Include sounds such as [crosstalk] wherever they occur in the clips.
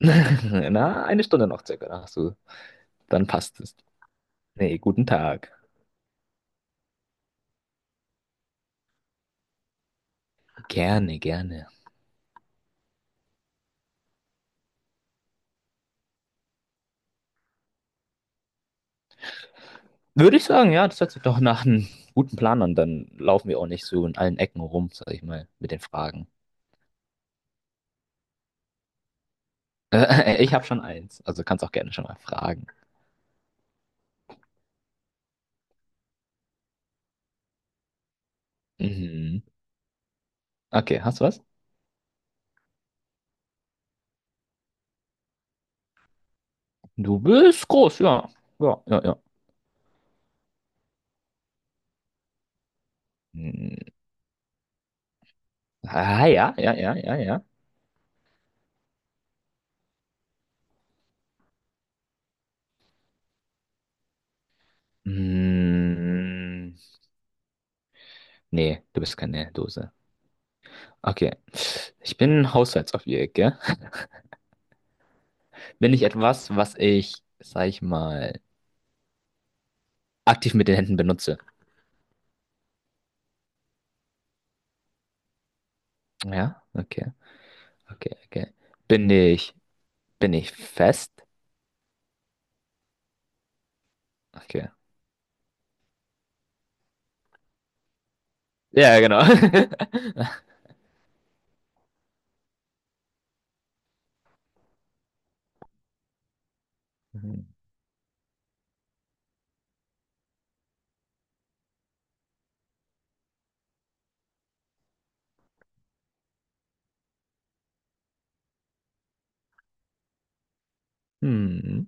[laughs] Na, eine Stunde noch circa, da hast du. Dann passt es. Nee, guten Tag. Gerne, gerne. Würde ich sagen, ja, das hört sich doch nach einem guten Plan an. Dann laufen wir auch nicht so in allen Ecken rum, sag ich mal, mit den Fragen. [laughs] Ich habe schon eins, also kannst auch gerne schon mal fragen. Mhm. Okay, hast du was? Du bist groß, ja. Ja, ja, ja. Hm. Ah, ja, ja, ja, ja, ja. Hm. Nee, du bist keine Dose. Okay. Ich bin Haushaltsobjekt, gell? Bin ich etwas, was ich, sag ich mal, aktiv mit den Händen benutze? Ja, okay, okay, okay. Bin ich, bin ich fest? Okay. Ja, genau. [laughs] Hm.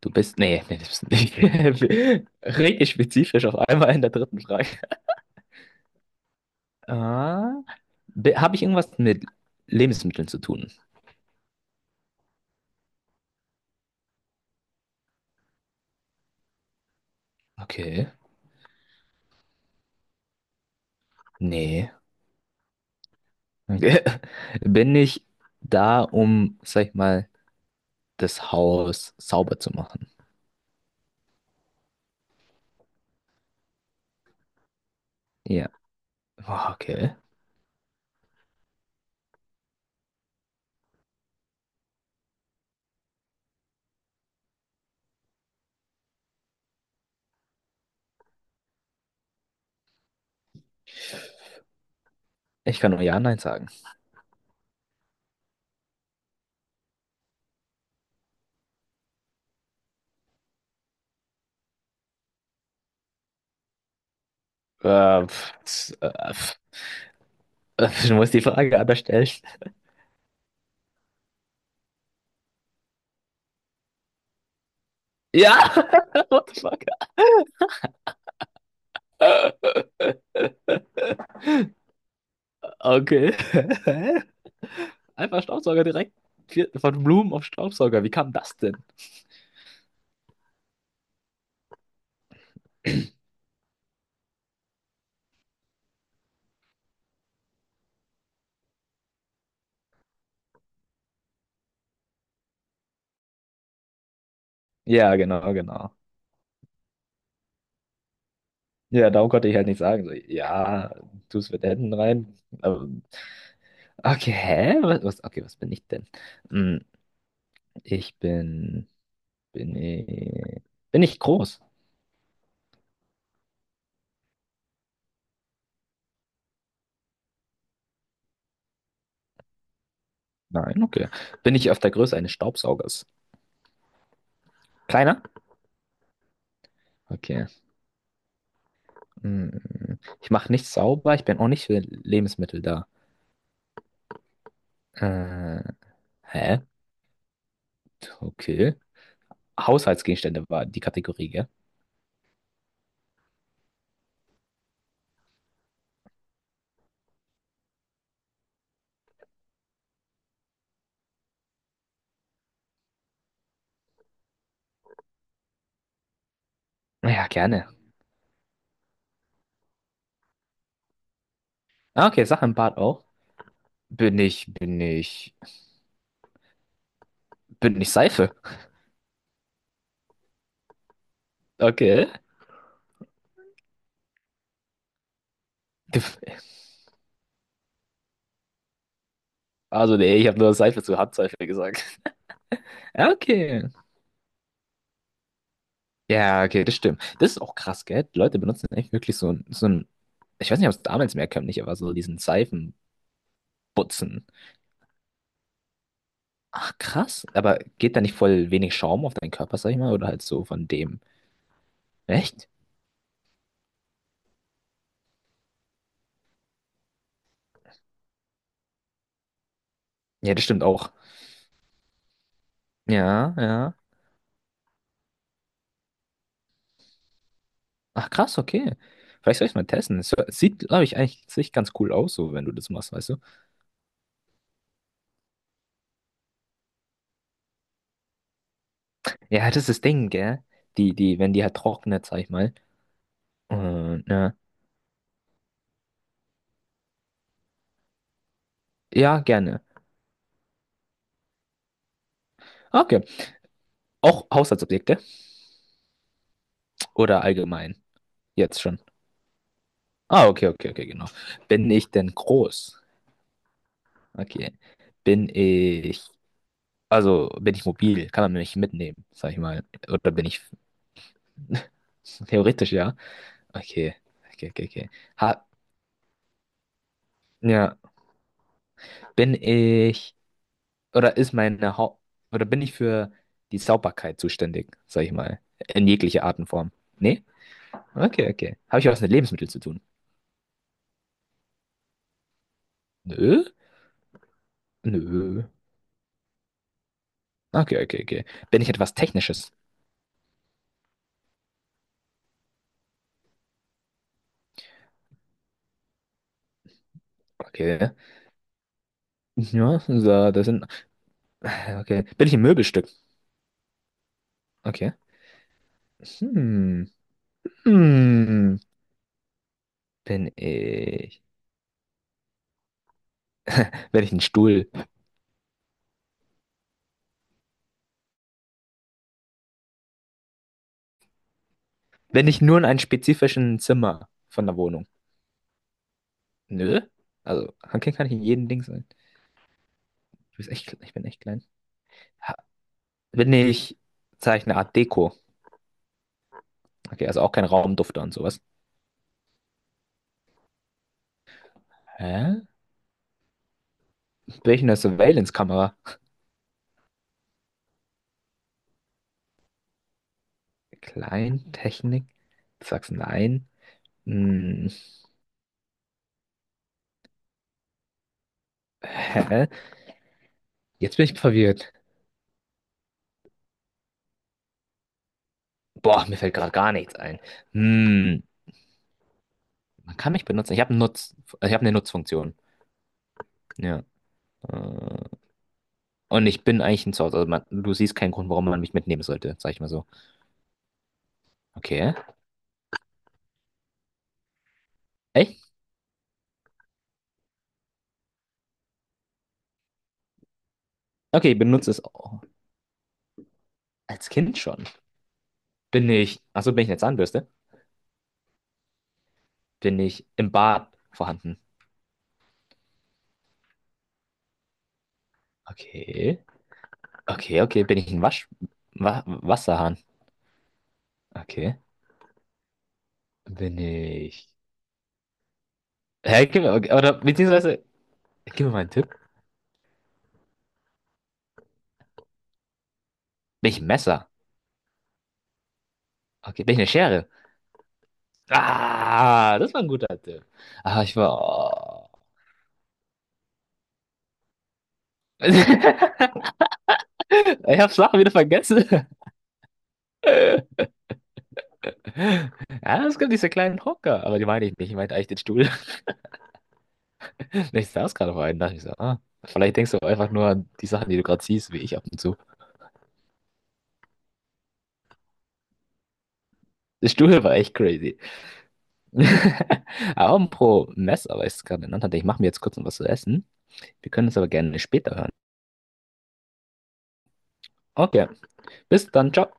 Nee, nee, das bist du nicht. [laughs] Richtig spezifisch auf einmal in der dritten Frage. Ah, habe ich irgendwas mit Lebensmitteln zu tun? Okay. Nee. Okay. [laughs] Bin ich da, um, sag ich mal, das Haus sauber zu machen? Ja. Ah, okay. Ich kann nur Ja, Nein sagen. Äh, pf, s- äh, pf, du musst die Frage anders stellen. Ja! [laughs] What the fuck? Okay. [laughs] Hä? Einfach Staubsauger direkt von Blumen auf Staubsauger. Wie kam das denn? Ja, genau, genau. Ja, darum konnte ich halt nicht sagen. So, ja, tu es mit den Händen rein. Okay, hä? Okay, was bin ich denn? Hm, ich bin. Bin ich. Bin ich groß? Nein, okay. Bin ich auf der Größe eines Staubsaugers? Kleiner? Okay. Hm. Ich mache nichts sauber, ich bin auch nicht für Lebensmittel da. Äh, hä? Okay. Haushaltsgegenstände war die Kategorie, gell? Ja, gerne. Ah, okay, Sache im Bad auch. Bin ich, bin ich, bin ich Seife. Okay. [laughs] Du- Also, nee, ich habe nur Seife zu Handseife gesagt. Ja, okay. Ja, okay, das stimmt. Das ist auch krass, gell? Die Leute benutzen echt wirklich so, so ein, ich weiß nicht, ob es damals mehr kömmlich, aber so diesen Seifenputzen. Ach, krass. Aber geht da nicht voll wenig Schaum auf deinen Körper, sag ich mal? Oder halt so von dem. Echt? Ja, das stimmt auch. Ja, ja. Ach, krass, okay. Vielleicht soll ich es mal testen. Es sieht, glaube ich, eigentlich sieht ganz cool aus, so, wenn du das machst, weißt du? Ja, das ist das Ding, gell? Wenn die halt trocknet, sag ich mal. Und, ja. Ja, gerne. Okay. Auch Haushaltsobjekte? Oder allgemein? Jetzt schon. Ah, okay, okay, okay, genau. Bin ich denn groß? Okay. Bin ich. Also bin ich mobil, kann man mich mitnehmen, sag ich mal. Oder bin ich [laughs] theoretisch, ja. Okay, okay, okay, okay. Ha, ja, bin ich oder ist meine Haupt oder bin ich für die Sauberkeit zuständig, sag ich mal, in jeglicher Art und Form. Nee? Okay, okay. Habe ich was mit Lebensmitteln zu tun? Nö? Nö. Okay, okay, okay. Bin ich etwas Technisches? Okay. Ja, so, das sind. Okay. Bin ich ein Möbelstück? Okay. Hm. Hm. Bin ich. Wenn ich einen Stuhl? Wenn ich nur in einem spezifischen Zimmer von der Wohnung? Nö. Also, Hankin kann ich in jedem Ding sein. Du bist echt, ich bin echt klein. Ha- Bin ich, sag ich, eine Art Deko? Okay, also auch kein Raumdufter und sowas. Hä? Bin ich eine Surveillance-Kamera? Kleintechnik? Du sagst nein. Hm. Hä? Jetzt bin ich verwirrt. Boah, mir fällt gerade gar nichts ein. Hm. Man kann mich benutzen. Ich habe einen Nutz, ich habe eine Nutzfunktion. Ja. Äh, und ich bin eigentlich ein Zorn. Also man, du siehst keinen Grund, warum man mich mitnehmen sollte, sag ich mal so. Okay. Echt? Okay, ich benutze es auch als Kind schon. Bin ich, achso, bin ich eine Zahnbürste? Bin ich im Bad vorhanden? Okay. Okay, okay. Bin ich ein Wasch, Wa Wasserhahn? Okay. Bin ich. Hä, gib mir, okay, oder beziehungsweise, gib mir mal einen Tipp. Bin ich ein Messer? Okay. Bin ich eine Schere? Ah, das war ein guter Tipp. Ah, ich war. [laughs] Ich hab's Sachen wieder vergessen. [laughs] Ja, es gibt diese kleinen Hocker, aber die meine ich nicht. Ich meinte eigentlich den Stuhl. [laughs] Ich saß gerade auf einem, dachte ich so, ah, vielleicht denkst du einfach nur an die Sachen, die du gerade siehst, wie ich ab und zu. Der Stuhl war echt crazy. [laughs] Aber pro Mess, aber ich es gerade genannt hatte, ich mache mir jetzt kurz noch was zu essen. Wir können es aber gerne später hören. Okay, bis dann, ciao.